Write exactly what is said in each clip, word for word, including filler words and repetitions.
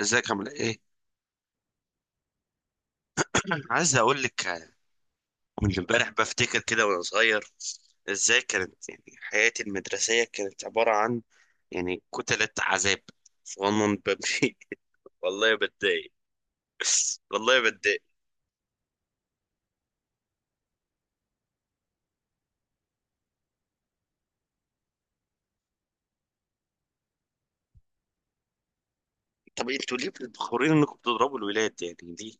ازيك عامل ايه؟ عايز اقول لك، من امبارح بفتكر كده وانا صغير ازاي كانت يعني حياتي المدرسية، كانت عبارة عن يعني كتلة عذاب. صغنن بمشي. والله بتضايق. والله بتضايق. طب انتوا ليه بتخورين انكم بتضربوا الولاد يعني ليه؟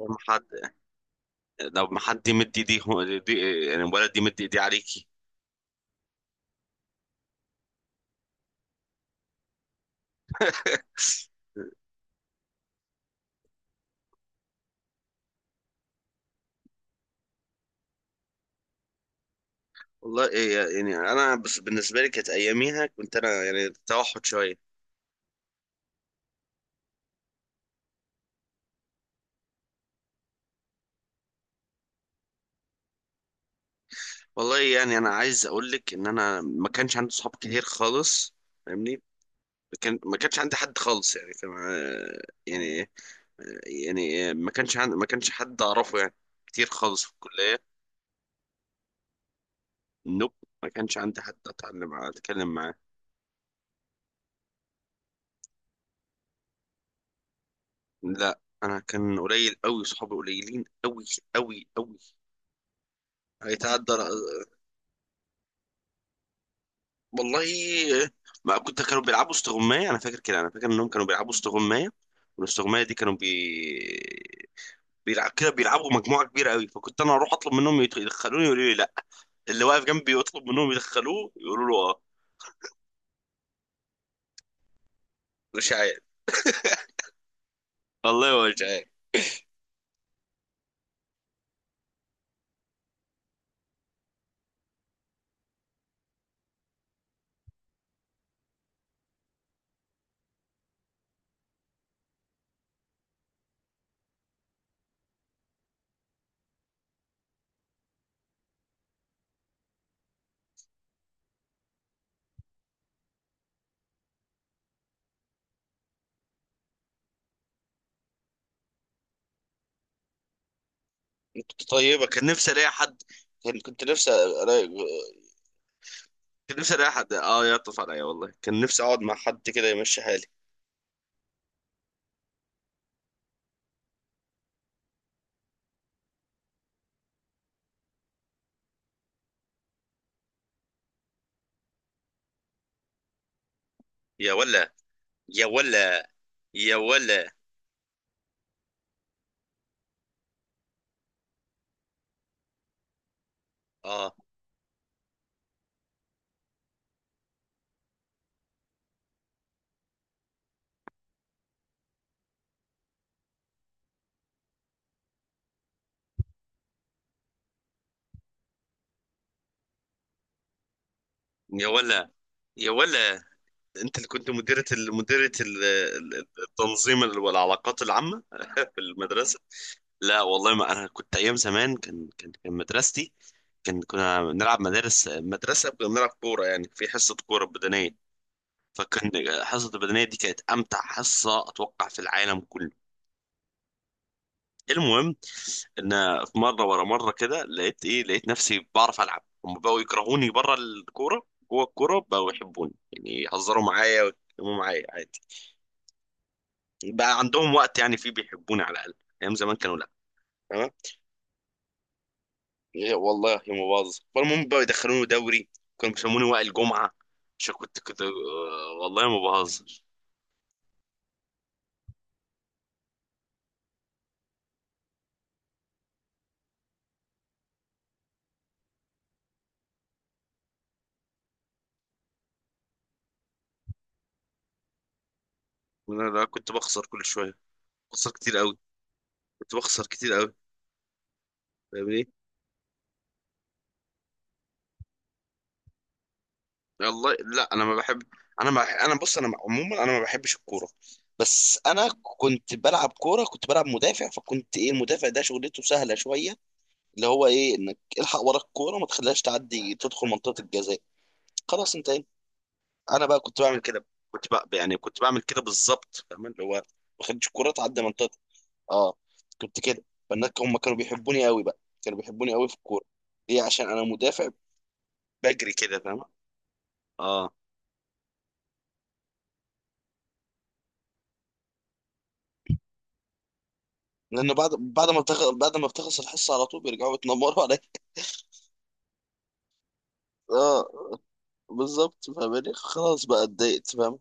لما حد، لو ما حد يمد ايديه دي، يعني الولد يمد ايديه عليكي. والله إيه يعني، انا بس بالنسبه لي كانت اياميها، كنت انا يعني توحد شويه. والله يعني انا عايز اقول لك ان انا ما كانش عندي صحاب كتير خالص. فاهمني. ما كان ما كانش عندي حد خالص يعني. كان يعني، يعني ما كانش عندي، ما كانش حد اعرفه يعني، كتير خالص في الكلية. نوب. ما كانش عندي حد اتعلم معاه اتكلم معاه. لا انا كان قليل قوي، صحابي قليلين قوي قوي قوي. هيتعدى ال- والله. ما كنت، كانوا بيلعبوا استغماية. انا فاكر كده، انا فاكر انهم كانوا بيلعبوا استغماية. والاستغماية دي كانوا بي بيلعب كده، بيلعبوا مجموعه كبيره قوي. فكنت انا اروح اطلب منهم يت- يدخلوني، يقولوا لي لا. اللي واقف جنبي يطلب منهم يدخلوه يقولوا له اه. مش عارف. والله مش عارف. كنت طيبه، كان نفسي الاقي حد، كان كنت نفسي الاقي كان نفسي الاقي حد اه يعطف عليا. والله كان نفسي اقعد مع حد كده يمشي حالي. يا ولا. يا ولا. يا ولا. اه. يا ولا. يا ولا. انت اللي كنت مديرة ال- مديرة ال- ال- التنظيم ال- والعلاقات العامة في المدرسة. لا والله ما انا كنت ايام زمان، كان كان كان مدرستي، كان كنا بنلعب مدارس مدرسة، كنا بنلعب كورة يعني في حصة كورة بدنية. فكان حصة البدنية دي كانت امتع حصة اتوقع في العالم كله. المهم ان في مرة ورا مرة كده، لقيت ايه، لقيت نفسي بعرف العب، هم بقوا يكرهوني بره الكورة، جوه الكورة بقوا يحبوني، يعني يهزروا معايا ويتكلموا معايا عادي. بقى عندهم وقت يعني فيه بيحبوني على الاقل. ايام زمان كانوا لا. تمام. إيه والله يا مباظ، فالمهم بقى يدخلوني دوري. كانوا بيسموني وائل الجمعه عشان كنت كنت آه، والله ما بهزر. انا لا، كنت بخسر كل شويه، بخسر كتير قوي. كنت بخسر كتير قوي، فاهمني. والله لا انا ما بحب. انا، ما انا بص، انا عموما انا ما بحبش الكوره. بس انا كنت بلعب كوره، كنت بلعب مدافع، فكنت ايه، المدافع ده شغلته سهله شويه. اللي هو ايه، انك الحق ورا الكوره، ما تخليهاش تعدي تدخل منطقه الجزاء. خلاص انت. انا بقى كنت بعمل كده. كنت بقى يعني كنت بعمل كده بالظبط فاهم، اللي هو ما بخدش الكوره تعدي منطقتي. اه. كنت كده. فالناس هم كانوا بيحبوني قوي بقى، كانوا بيحبوني قوي في الكوره. ليه؟ عشان انا مدافع بجري كده فاهم. اه. لانه بعد بعد ما بتخ... بعد ما بتخلص الحصه على طول بيرجعوا يتنمروا عليا. اه بالظبط فاهمني. خلاص بقى اتضايقت فاهم.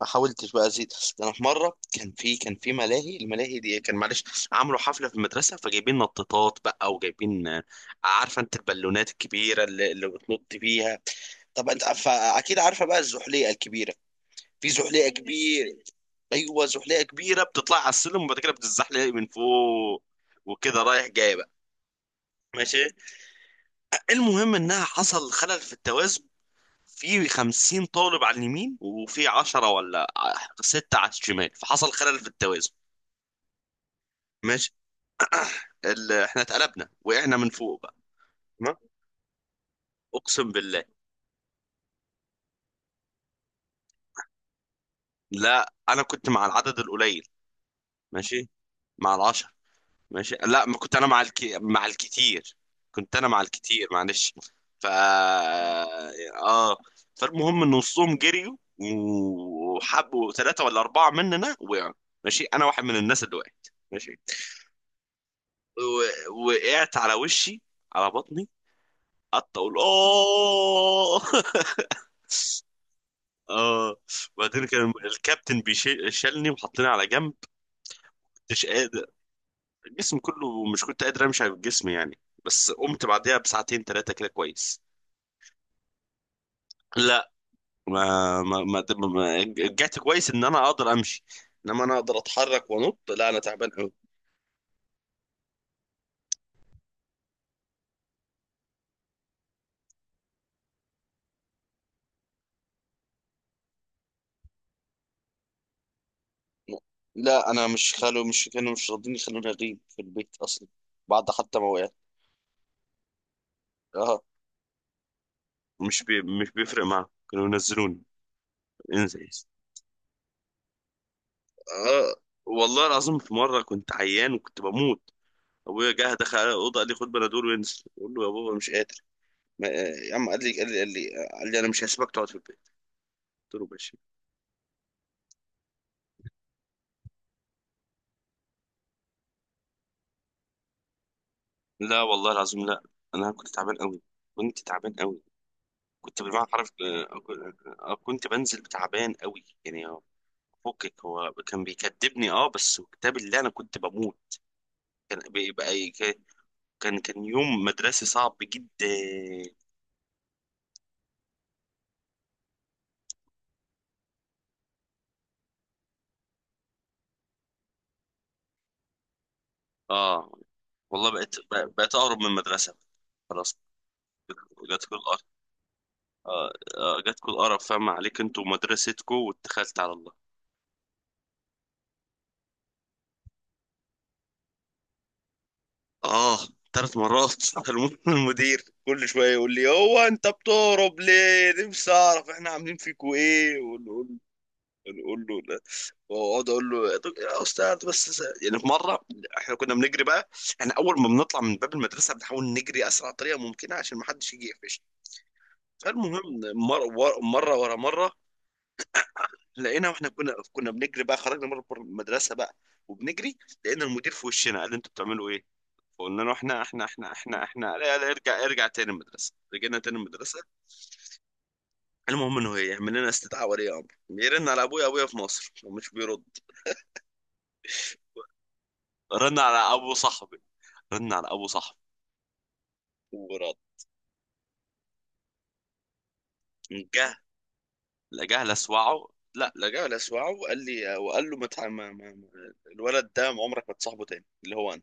ما حاولتش بقى ازيد. ده انا في مره كان في، كان في ملاهي، الملاهي دي كان معلش، عملوا حفله في المدرسه، فجايبين نطاطات بقى وجايبين آه، عارفه انت البالونات الكبيره اللي, اللي بتنط بيها. طب انت اكيد عارفه بقى الزحليقه الكبيره. في زحليقه كبير. ايوه، زحليقه كبيره بتطلع على السلم وبعد كده بتزحلق من فوق. وكده رايح جاي بقى. ماشي. المهم انها حصل خلل في التوازن. في خمسين طالب على اليمين، وفي عشرة ولا ستة على الشمال، فحصل خلل في التوازن. ماشي. ال... احنا اتقلبنا وقعنا من فوق بقى. تمام. اقسم بالله. لا انا كنت مع العدد القليل. ماشي. مع العشر. ماشي. لا، ما كنت انا مع الك... مع الكتير. كنت انا مع الكتير معلش. ف، اه. فالمهم ان نصهم جريوا وحبوا ثلاثة ولا أربعة مننا وقعوا. ماشي. أنا واحد من الناس اللي وقعت. ماشي. و- وقعت على وشي، على بطني، قعدت أقول آه. اه. وبعدين كان الكابتن بيشيلني وحطني على جنب. مش قادر. الجسم كله، مش كنت قادر امشي على الجسم يعني. بس قمت بعدها بساعتين ثلاثه كده كويس. لا. ما ما ما, ما رجعت كويس ان انا اقدر امشي. انما انا اقدر اتحرك وانط. لا انا تعبان قوي. لا انا مش خلو، مش كانوا مش راضين يخلوني اغيب في البيت اصلا، بعد حتى ما وقعت. اه. مش بي، مش بيفرق معاهم، كانوا ينزلوني. انزل. آه. والله العظيم في مرة كنت عيان وكنت بموت. ابويا جه دخل على الاوضه، قال لي خد بنادول وانزل. بقول له يا بابا مش قادر. ما... يا عم، قال لي قال لي قال لي, قال لي انا مش هسيبك تقعد في البيت. قلت له ماشي. لا والله العظيم لا. انا كنت تعبان قوي، كنت تعبان قوي، كنت بالمعنى حرف. كنت بنزل تعبان قوي يعني. فكك هو كان بيكدبني، اه بس كتاب اللي انا كنت بموت. كان بيبقى أي- كان، كان كان يوم مدرسي صعب جدا. اه. والله بقيت بقيت اقرب من المدرسه. خلاص. جت كل آه، آه، جاتكوا القرف فاهم عليك انتوا ومدرستكوا واتخلت على الله. اه. ثلاث مرات. الم- المدير كل شويه يقول لي، هو انت بتهرب ليه، نفسي اعرف احنا عاملين فيكوا ايه، ونقول نقول له لا. واقعد اقول له يا دك- يا استاذ بس س- يعني في مره، احنا كنا بنجري بقى، احنا اول ما بنطلع من باب المدرسه بنحاول نجري اسرع طريقه ممكنه عشان ما حدش يجي يقفش. فالمهم، مر- ور- مره ورا مره لقينا، واحنا كنا كنا بنجري بقى، خرجنا مره بره المدرسه بقى، وبنجري، لقينا المدير في وشنا. قال لي انتوا بتعملوا ايه؟ فقلنا له احنا احنا احنا احنا احنا لا لا، ارجع ارجع تاني المدرسه، رجعنا تاني المدرسه. المهم انه هي يعمل لنا استدعاء ولي امر، يرن على ابويا، ابويا في مصر ومش بيرد. رن على ابو صاحبي. رن على ابو صاحبي. ورد. جه لجاه لسوعه. لا، لجاه لسوعه، وقال لي وقال له ما تع- ما- ما- ما- الولد ده عمرك ما تصاحبه تاني. اللي هو،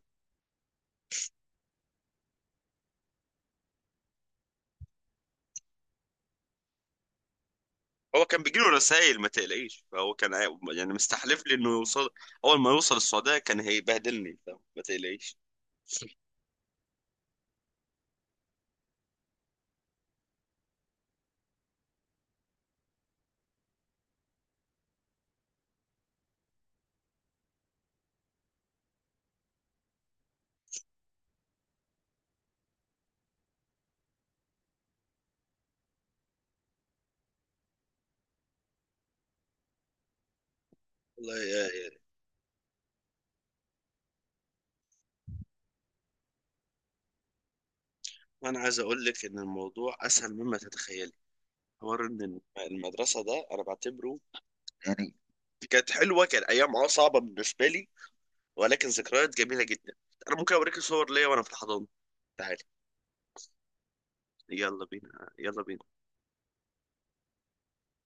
هو كان بيجيله رسائل ما تقلقيش، فهو كان عا- يعني مستحلف لي انه يوصل، اول ما يوصل السعوديه كان هيبهدلني فما تقلقيش. والله يا يا- وانا عايز اقول لك ان الموضوع اسهل مما تتخيلي. حوار ان المدرسه ده، انا بعتبره يعني كانت حلوه، كان ايام اه صعبه بالنسبه لي، ولكن ذكريات جميله جدا. انا ممكن اوريك صور ليا وانا في الحضانه. تعالي. يلا بينا، يلا بينا.